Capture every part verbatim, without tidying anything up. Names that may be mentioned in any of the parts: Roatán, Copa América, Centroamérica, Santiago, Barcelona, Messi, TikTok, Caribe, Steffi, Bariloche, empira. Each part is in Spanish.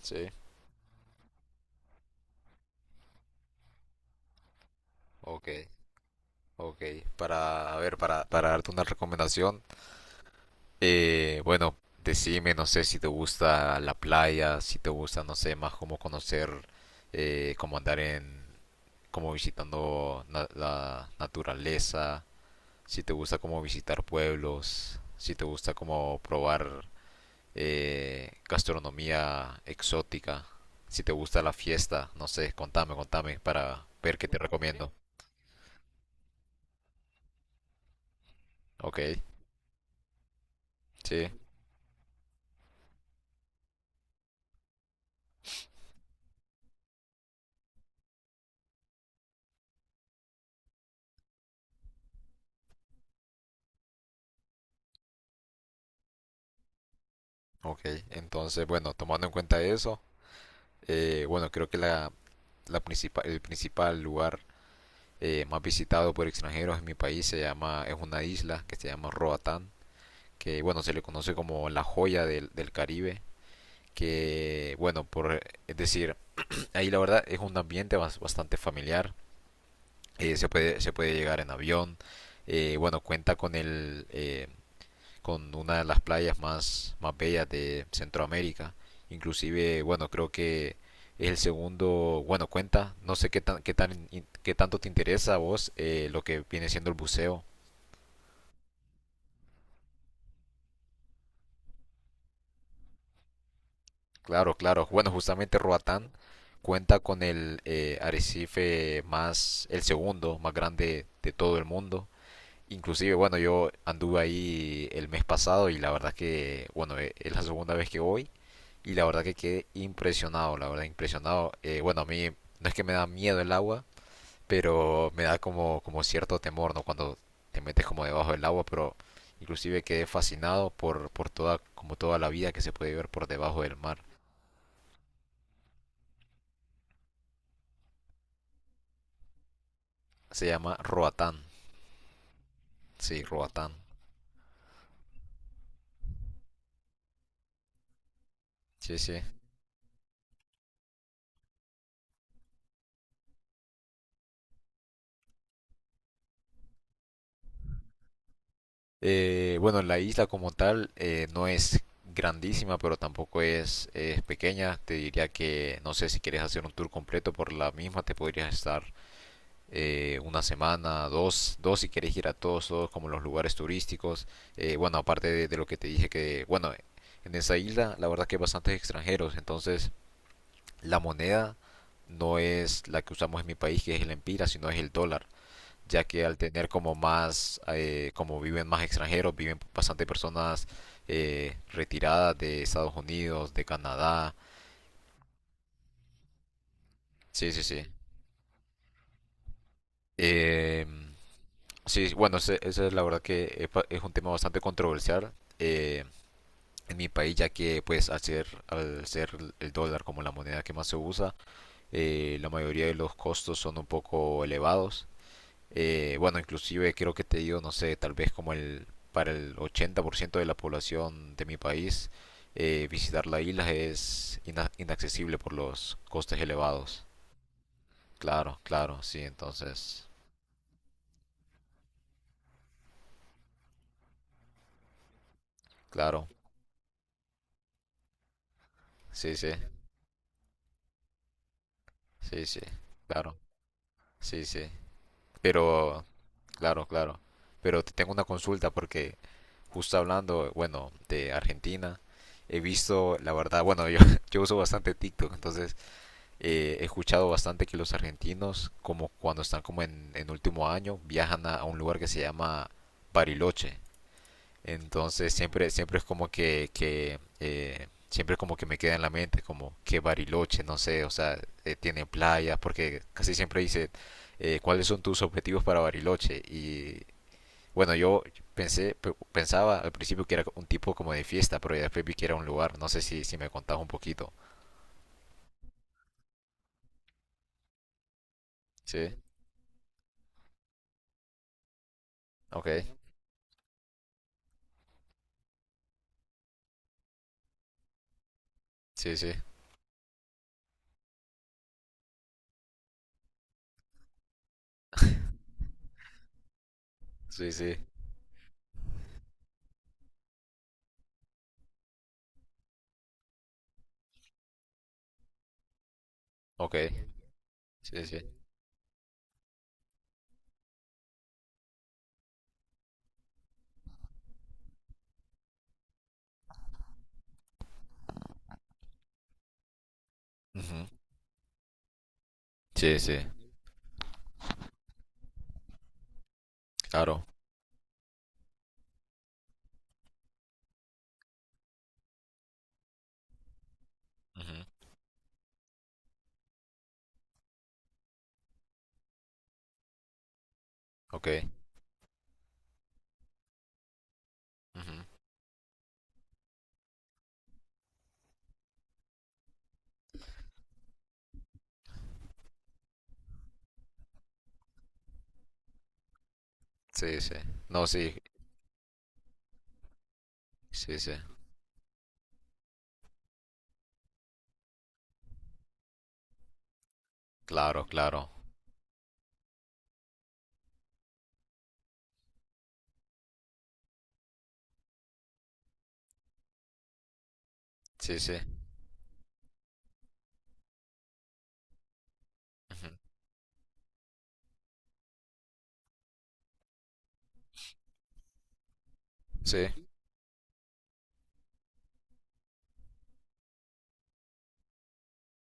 Sí, ok, ok. Para, a ver, para, para darte una recomendación, eh, bueno, decime, no sé, si te gusta la playa, si te gusta, no sé, más cómo conocer, eh, cómo andar en, como visitando na- la naturaleza, si te gusta como visitar pueblos, si te gusta como probar eh, gastronomía exótica, si te gusta la fiesta, no sé, contame, contame para ver qué te recomiendo. Ok, sí. Ok, entonces, bueno, tomando en cuenta eso, eh, bueno, creo que la, la principal, el principal lugar eh, más visitado por extranjeros en mi país se llama, es una isla que se llama Roatán, que bueno, se le conoce como la joya del, del Caribe, que bueno, por, es decir, ahí la verdad es un ambiente bas- bastante familiar, eh, se puede, se puede llegar en avión, eh, bueno, cuenta con el, eh, con una de las playas más, más bellas de Centroamérica. Inclusive, bueno, creo que es el segundo, bueno, cuenta, no sé qué tan, qué tan, qué tanto te interesa a vos eh, lo que viene siendo el buceo. Claro, claro. Bueno, justamente Roatán cuenta con el eh, arrecife más, el segundo más grande de todo el mundo. Inclusive, bueno, yo anduve ahí el mes pasado y la verdad que, bueno, eh, es la segunda vez que voy y la verdad que quedé impresionado, la verdad, impresionado. Eh, bueno, a mí no es que me da miedo el agua, pero me da como, como cierto temor, ¿no? Cuando te metes como debajo del agua, pero inclusive quedé fascinado por, por toda, como toda la vida que se puede ver por debajo del mar. Se llama Roatán, sí, Roatán, sí, sí. Eh, bueno, la isla como tal eh, no es grandísima, pero tampoco es, es pequeña. Te diría que, no sé, si quieres hacer un tour completo por la misma, te podrías estar eh, una semana, dos, dos si querés ir a todos, todos como los lugares turísticos. Eh, bueno, aparte de, de, lo que te dije que, bueno, en esa isla la verdad que hay bastantes extranjeros, entonces la moneda no es la que usamos en mi país, que es el empira, sino es el dólar, ya que al tener como más, eh, como viven más extranjeros, viven bastante personas eh, retiradas de Estados Unidos, de Canadá. Sí, sí, sí. Eh, Sí, sí, bueno, ese- esa es la verdad que es pa- es un tema bastante controversial eh, en mi país, ya que pues al ser, al ser el dólar como la moneda que más se usa, eh, la mayoría de los costos son un poco elevados. Eh, bueno, inclusive creo que te digo, no sé, tal vez como el para el ochenta por ciento de la población de mi país, eh, visitar la isla es ina- inaccesible por los costes elevados. Claro, claro, sí, entonces, claro, sí, sí, sí, sí, claro, sí, sí. Pero, claro, claro. Pero te tengo una consulta porque justo hablando, bueno, de Argentina, he visto, la verdad, bueno, yo, yo uso bastante TikTok, entonces eh, he escuchado bastante que los argentinos, como cuando están como en, en último año, viajan a, a un lugar que se llama Bariloche. Entonces siempre, siempre es como que, que eh, siempre como que me queda en la mente como que Bariloche, no sé, o sea, eh, tiene playas, porque casi siempre dice eh, cuáles son tus objetivos para Bariloche. Y bueno, yo pensé, pe- pensaba al principio que era un tipo como de fiesta, pero ya después vi que era un lugar. No sé si, si me contabas un poquito. Sí, ok, sí, sí, sí, sí, ok, sí, sí. Ujú. Sí, sí, claro. Ujú. Ok. Ujú. Sí, sí. No, sí, sí, sí. Claro, claro. Sí, sí. Ujú. Sí,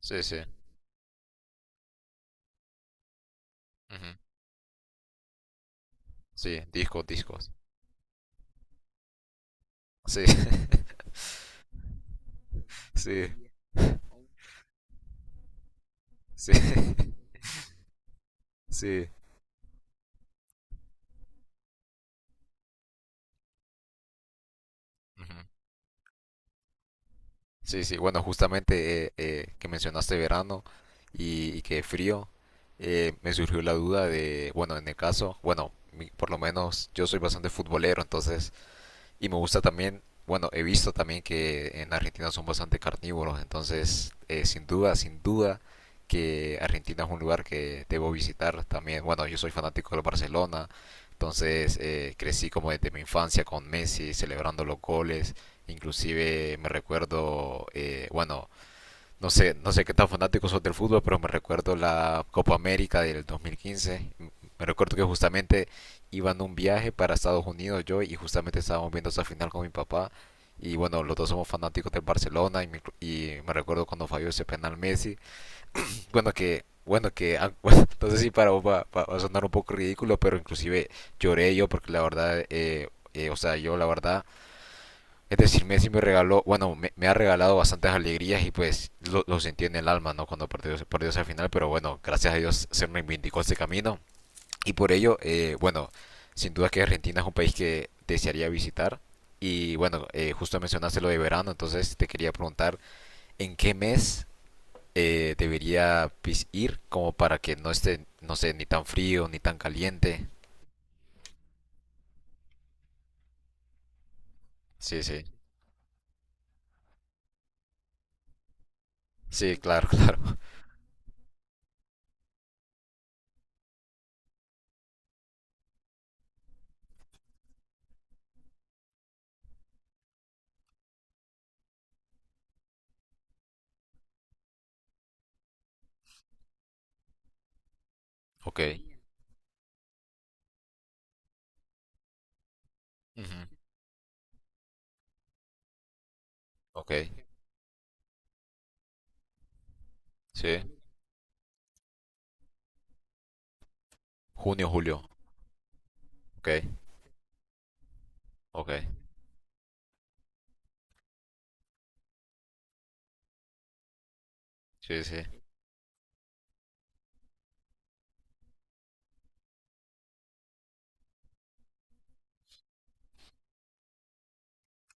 sí, sí. Ujú. Sí, discos, discos. Sí, sí, sí, sí. Ujú. Sí, sí. Bueno, justamente eh, eh, que mencionaste verano y, y que frío, eh, me surgió la duda de, bueno, en el caso, bueno, mi- por lo menos yo soy bastante futbolero, entonces y me gusta también, bueno, he visto también que en Argentina son bastante carnívoros, entonces eh, sin duda, sin duda que Argentina es un lugar que debo visitar también. Bueno, yo soy fanático del Barcelona, entonces eh, crecí como desde mi infancia con Messi celebrando los goles, inclusive me recuerdo, eh, bueno, no sé, no sé qué tan fanáticos sos del fútbol, pero me recuerdo la Copa América del dos mil quince. Me recuerdo que justamente iba en un viaje para Estados Unidos yo y justamente estábamos viendo esa final con mi papá. Y bueno, los dos somos fanáticos del Barcelona y me, y me recuerdo cuando falló ese penal Messi. Bueno, que bueno, que ah, bueno, no sé si para vos va, va- va a sonar un poco ridículo, pero inclusive lloré yo porque la verdad, eh, eh, o sea, yo la verdad es decir, Messi me regaló, bueno, me, me ha regalado bastantes alegrías y pues lo, lo sentí en el alma, ¿no? Cuando perdió, perdió esa final, pero bueno, gracias a Dios se reivindicó ese camino. Y por ello, eh, bueno, sin duda que Argentina es un país que desearía visitar. Y bueno, eh, justo mencionaste lo de verano, entonces te quería preguntar, ¿en qué mes eh, debería pis- ir como para que no esté, no sé, ni tan frío, ni tan caliente? Sí, sí. Sí, claro, claro. Ok. Ujú. Ok. Sí. Junio, julio. Ok, ok. Sí, sí.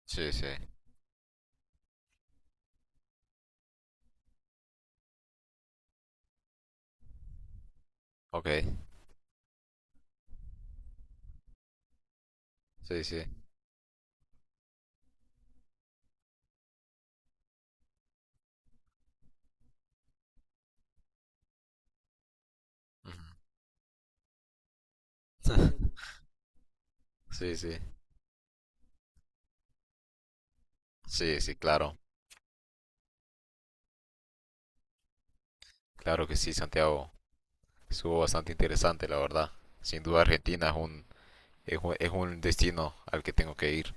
Sí, sí. Ok. Sí, sí. Ujú. Sí, sí. Sí, sí, claro. Claro que sí, Santiago. Estuvo bastante interesante, la verdad. Sin duda, Argentina es un, es un, es un destino al que tengo que ir.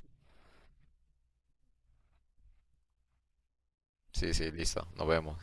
Sí, sí, listo. Nos vemos.